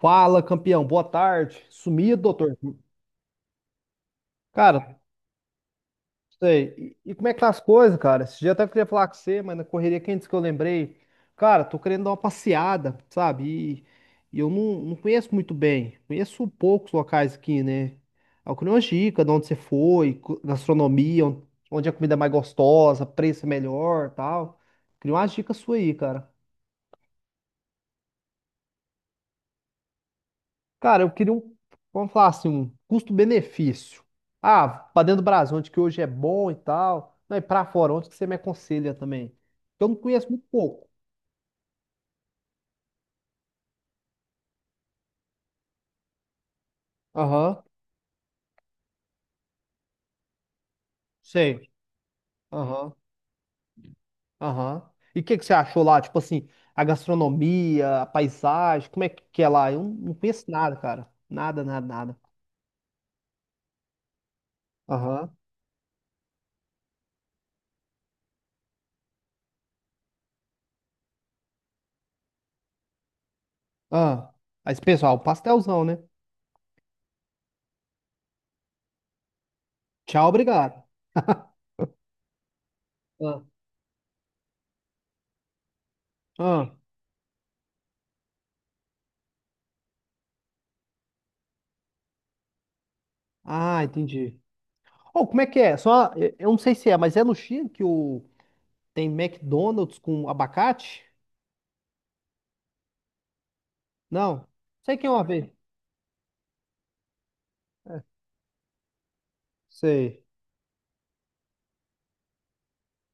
Fala, campeão. Boa tarde. Sumido, doutor. Cara, sei. E como é que tá as coisas, cara? Esse dia até queria falar com você, mas na correria quente que eu lembrei. Cara, tô querendo dar uma passeada, sabe? E, e eu não conheço muito bem. Conheço poucos locais aqui, né? Eu queria uma dica de onde você foi, gastronomia, onde a comida é mais gostosa, preço é melhor, tal. Queria umas dicas suas aí, cara. Cara, eu queria um, vamos falar assim, um custo-benefício. Ah, pra dentro do Brasil, onde que hoje é bom e tal. Não, e pra fora, onde que você me aconselha também? Eu não conheço muito pouco. Aham, sei. Aham, aham. E o que que você achou lá? Tipo assim, a gastronomia, a paisagem, como é que é lá? Eu não conheço nada, cara. Nada, nada, nada. Aham. Ah. Aí, pessoal, pastelzão, né? Tchau, obrigado. Ah, ah, ah, entendi. Oh, como é que é? Só, eu não sei se é, mas é no Chile que o tem McDonald's com abacate? Não. Sei que é uma vez. Sei.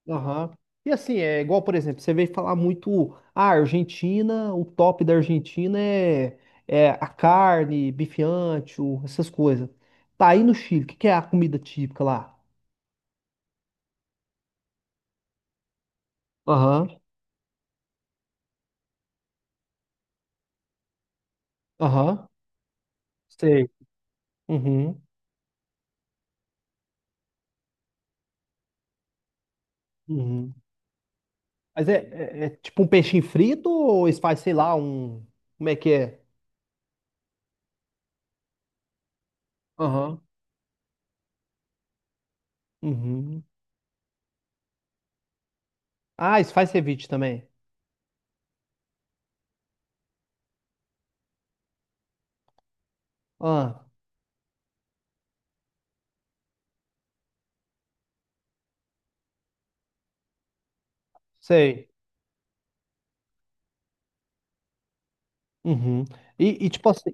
Aham. E assim, é igual, por exemplo, você veio falar muito, ah, Argentina, o top da Argentina é, é a carne, bife ancho, essas coisas. Tá aí no Chile, o que que é a comida típica lá? Aham. Aham. Sei. Uhum. Uhum. Mas é, é, é tipo um peixinho frito ou eles fazem, sei lá, um. Como é que é? Aham. Uhum. Ah, isso faz ceviche também. Ah, sei. Uhum. Tipo assim,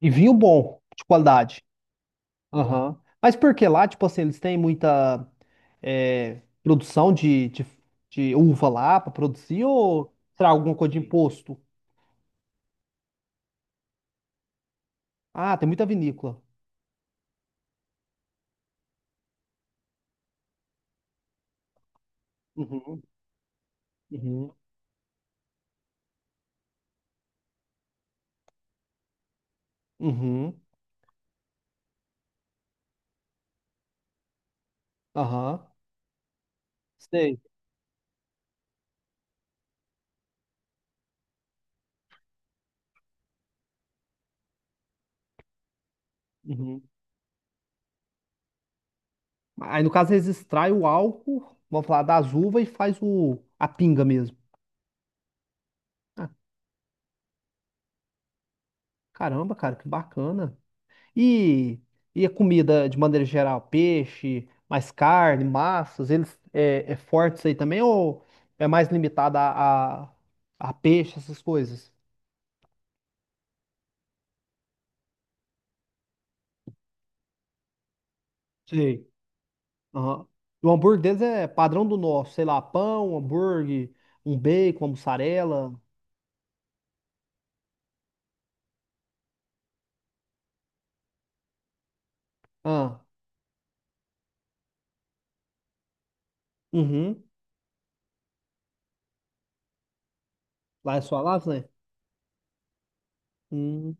e vinho bom, de qualidade. Aham. Mas por que lá, tipo assim, eles têm muita é, produção de uva lá para produzir ou será alguma coisa de imposto? Ah, tem muita vinícola. Uhum. Uhum. Uhum. Aham. Sei. Uhum. Aí, no caso, eles extraem o álcool, vamos falar, das uvas e faz o, a pinga mesmo. Ah, caramba, cara, que bacana. E, e a comida, de maneira geral, peixe, mais carne, massas, eles é, é forte isso aí também ou é mais limitada a peixe, essas coisas? Sei. Aham. O hambúrguer deles é padrão do nosso, sei lá, pão, hambúrguer, um bacon, uma mussarela. Ah, uhum. Lá é só lasanha? Hum,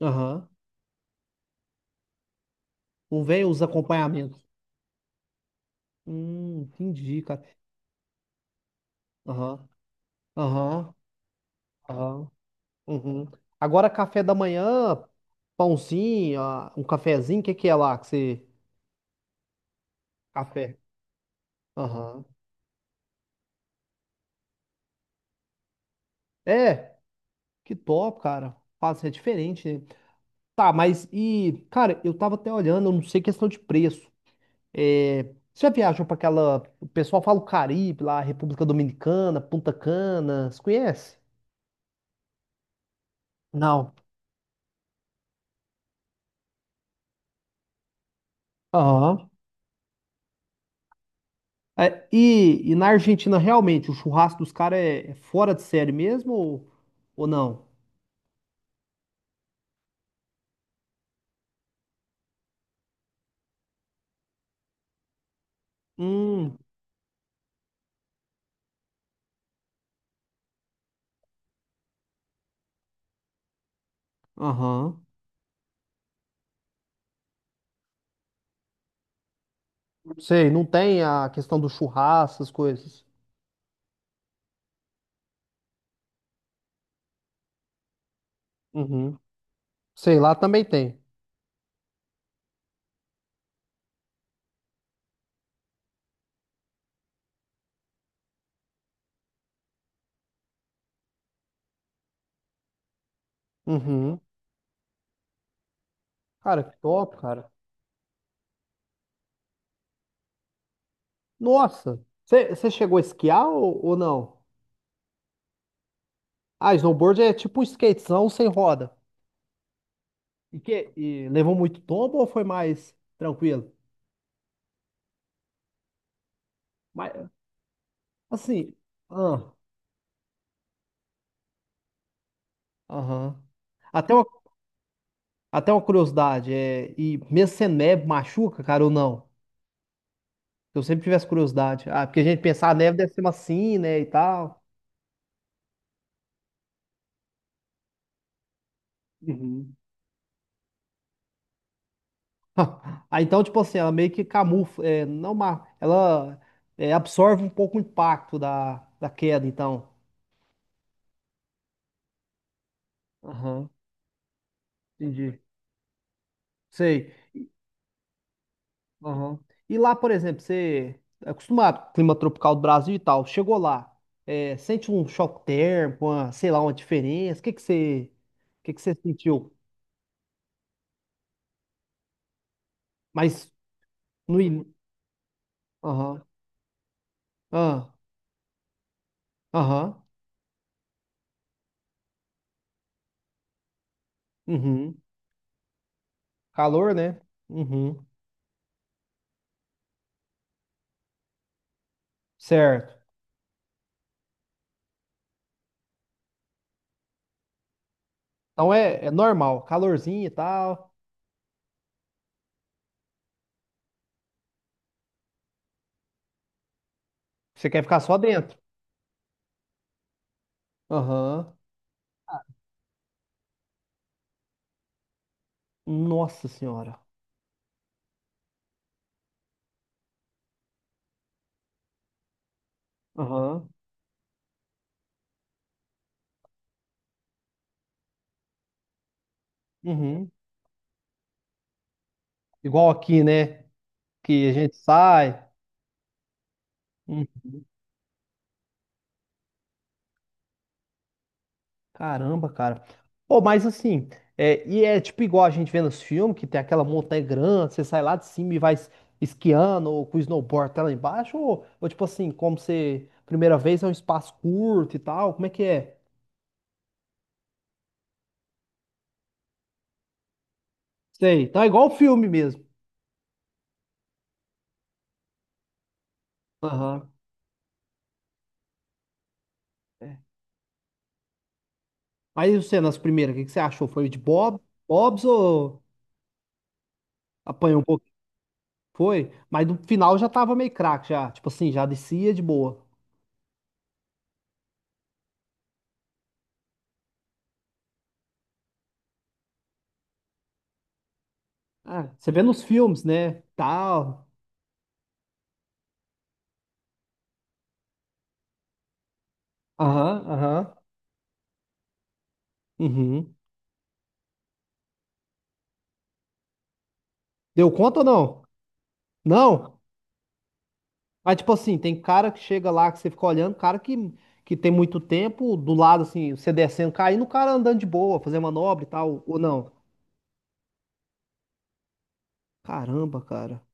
aham. Não vem os acompanhamentos. Entendi, cara. Aham, aham, aham. Uhum. Agora, café da manhã, pãozinho, ah, um cafezinho, o que que é lá que você... Café. Aham. É, que top, cara. Faz, é diferente, né? Tá, mas e... Cara, eu tava até olhando, eu não sei questão de preço. É, você já viajou pra aquela... O pessoal fala o Caribe lá, República Dominicana, Punta Cana, você conhece? Não. Aham. É, e na Argentina, realmente, o churrasco dos caras é, é fora de série mesmo ou não? Hum, aham. Não sei, não tem a questão do churrasco, essas coisas. Uhum. Sei lá, também tem. Uhum. Cara, que top, cara. Nossa, você chegou a esquiar ou não? Ah, snowboard é tipo um skatezão sem roda. E levou muito tombo ou foi mais tranquilo? Mas, assim, ah, aham. Até uma, Até uma curiosidade, é, e mesmo sem neve machuca, cara, ou não? Eu sempre tive essa curiosidade. Ah, porque a gente pensa a neve deve ser macio, né, e tal. Uhum. Ah, então, tipo assim, ela meio que camufla, é, não, ela é, absorve um pouco o impacto da queda, então. Aham, entendi. Sei. Aham. E lá, por exemplo, você é acostumado com o clima tropical do Brasil e tal, chegou lá, é, sente um choque térmico, uma, sei lá, uma diferença, o que que você, o que que você sentiu? Mas no... in- aham, ah, aham, uhum. Calor, né? Uhum, certo. Então é, é normal, calorzinho e tal. Você quer ficar só dentro. Aham. Nossa senhora. Aham. Uhum. Igual aqui, né? Que a gente sai. Uhum. Caramba, cara. Pô, mas assim, é, e é tipo igual a gente vê nos filmes, que tem aquela montanha grande, você sai lá de cima e esquiando, ou com o snowboard até lá embaixo, ou tipo assim, como você, primeira vez é um espaço curto e tal, como é que é? Sei, tá igual o filme mesmo. Aham. É. Mas e você, nas primeiras, o que que você achou? Bob's ou... Apanhou um pouco, foi, mas no final já tava meio craque já, tipo assim, já descia de boa. Ah, você vê nos filmes, né? Tal. Aham, aham. Uhum. Deu conta ou não? Não. Mas tipo assim, tem cara que chega lá que você fica olhando, cara que tem muito tempo do lado assim, você descendo, caindo, o cara andando de boa, fazendo manobra e tal, ou não. Caramba, cara.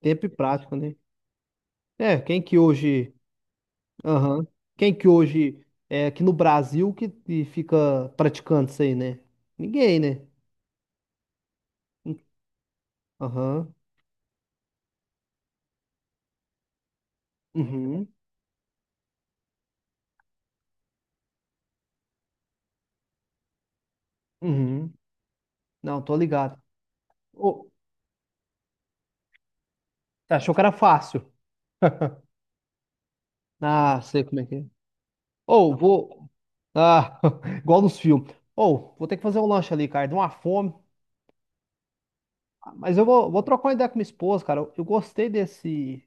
Tempo e prática, né? É, quem que hoje Aham. Quem que hoje é aqui no Brasil que fica praticando isso aí, né? Ninguém, né? Aham. Uhum. Uhum. Não, tô ligado. Ô, você achou que era fácil. Ah, sei como é que é. Ou, vou. Ah, igual nos filmes. Ou, vou ter que fazer um lanche ali, cara. Deu uma fome. Mas eu vou, vou trocar uma ideia com minha esposa, cara. Eu gostei desse.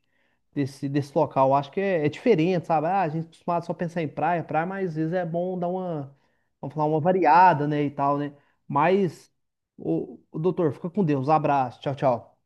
Desse, local. Eu acho que é, é diferente, sabe? Ah, a gente é acostumado só a pensar em praia, praia, mas às vezes é bom dar uma, vamos falar, uma variada, né, e tal, né? Mas, o, doutor, fica com Deus. Abraço. Tchau, tchau.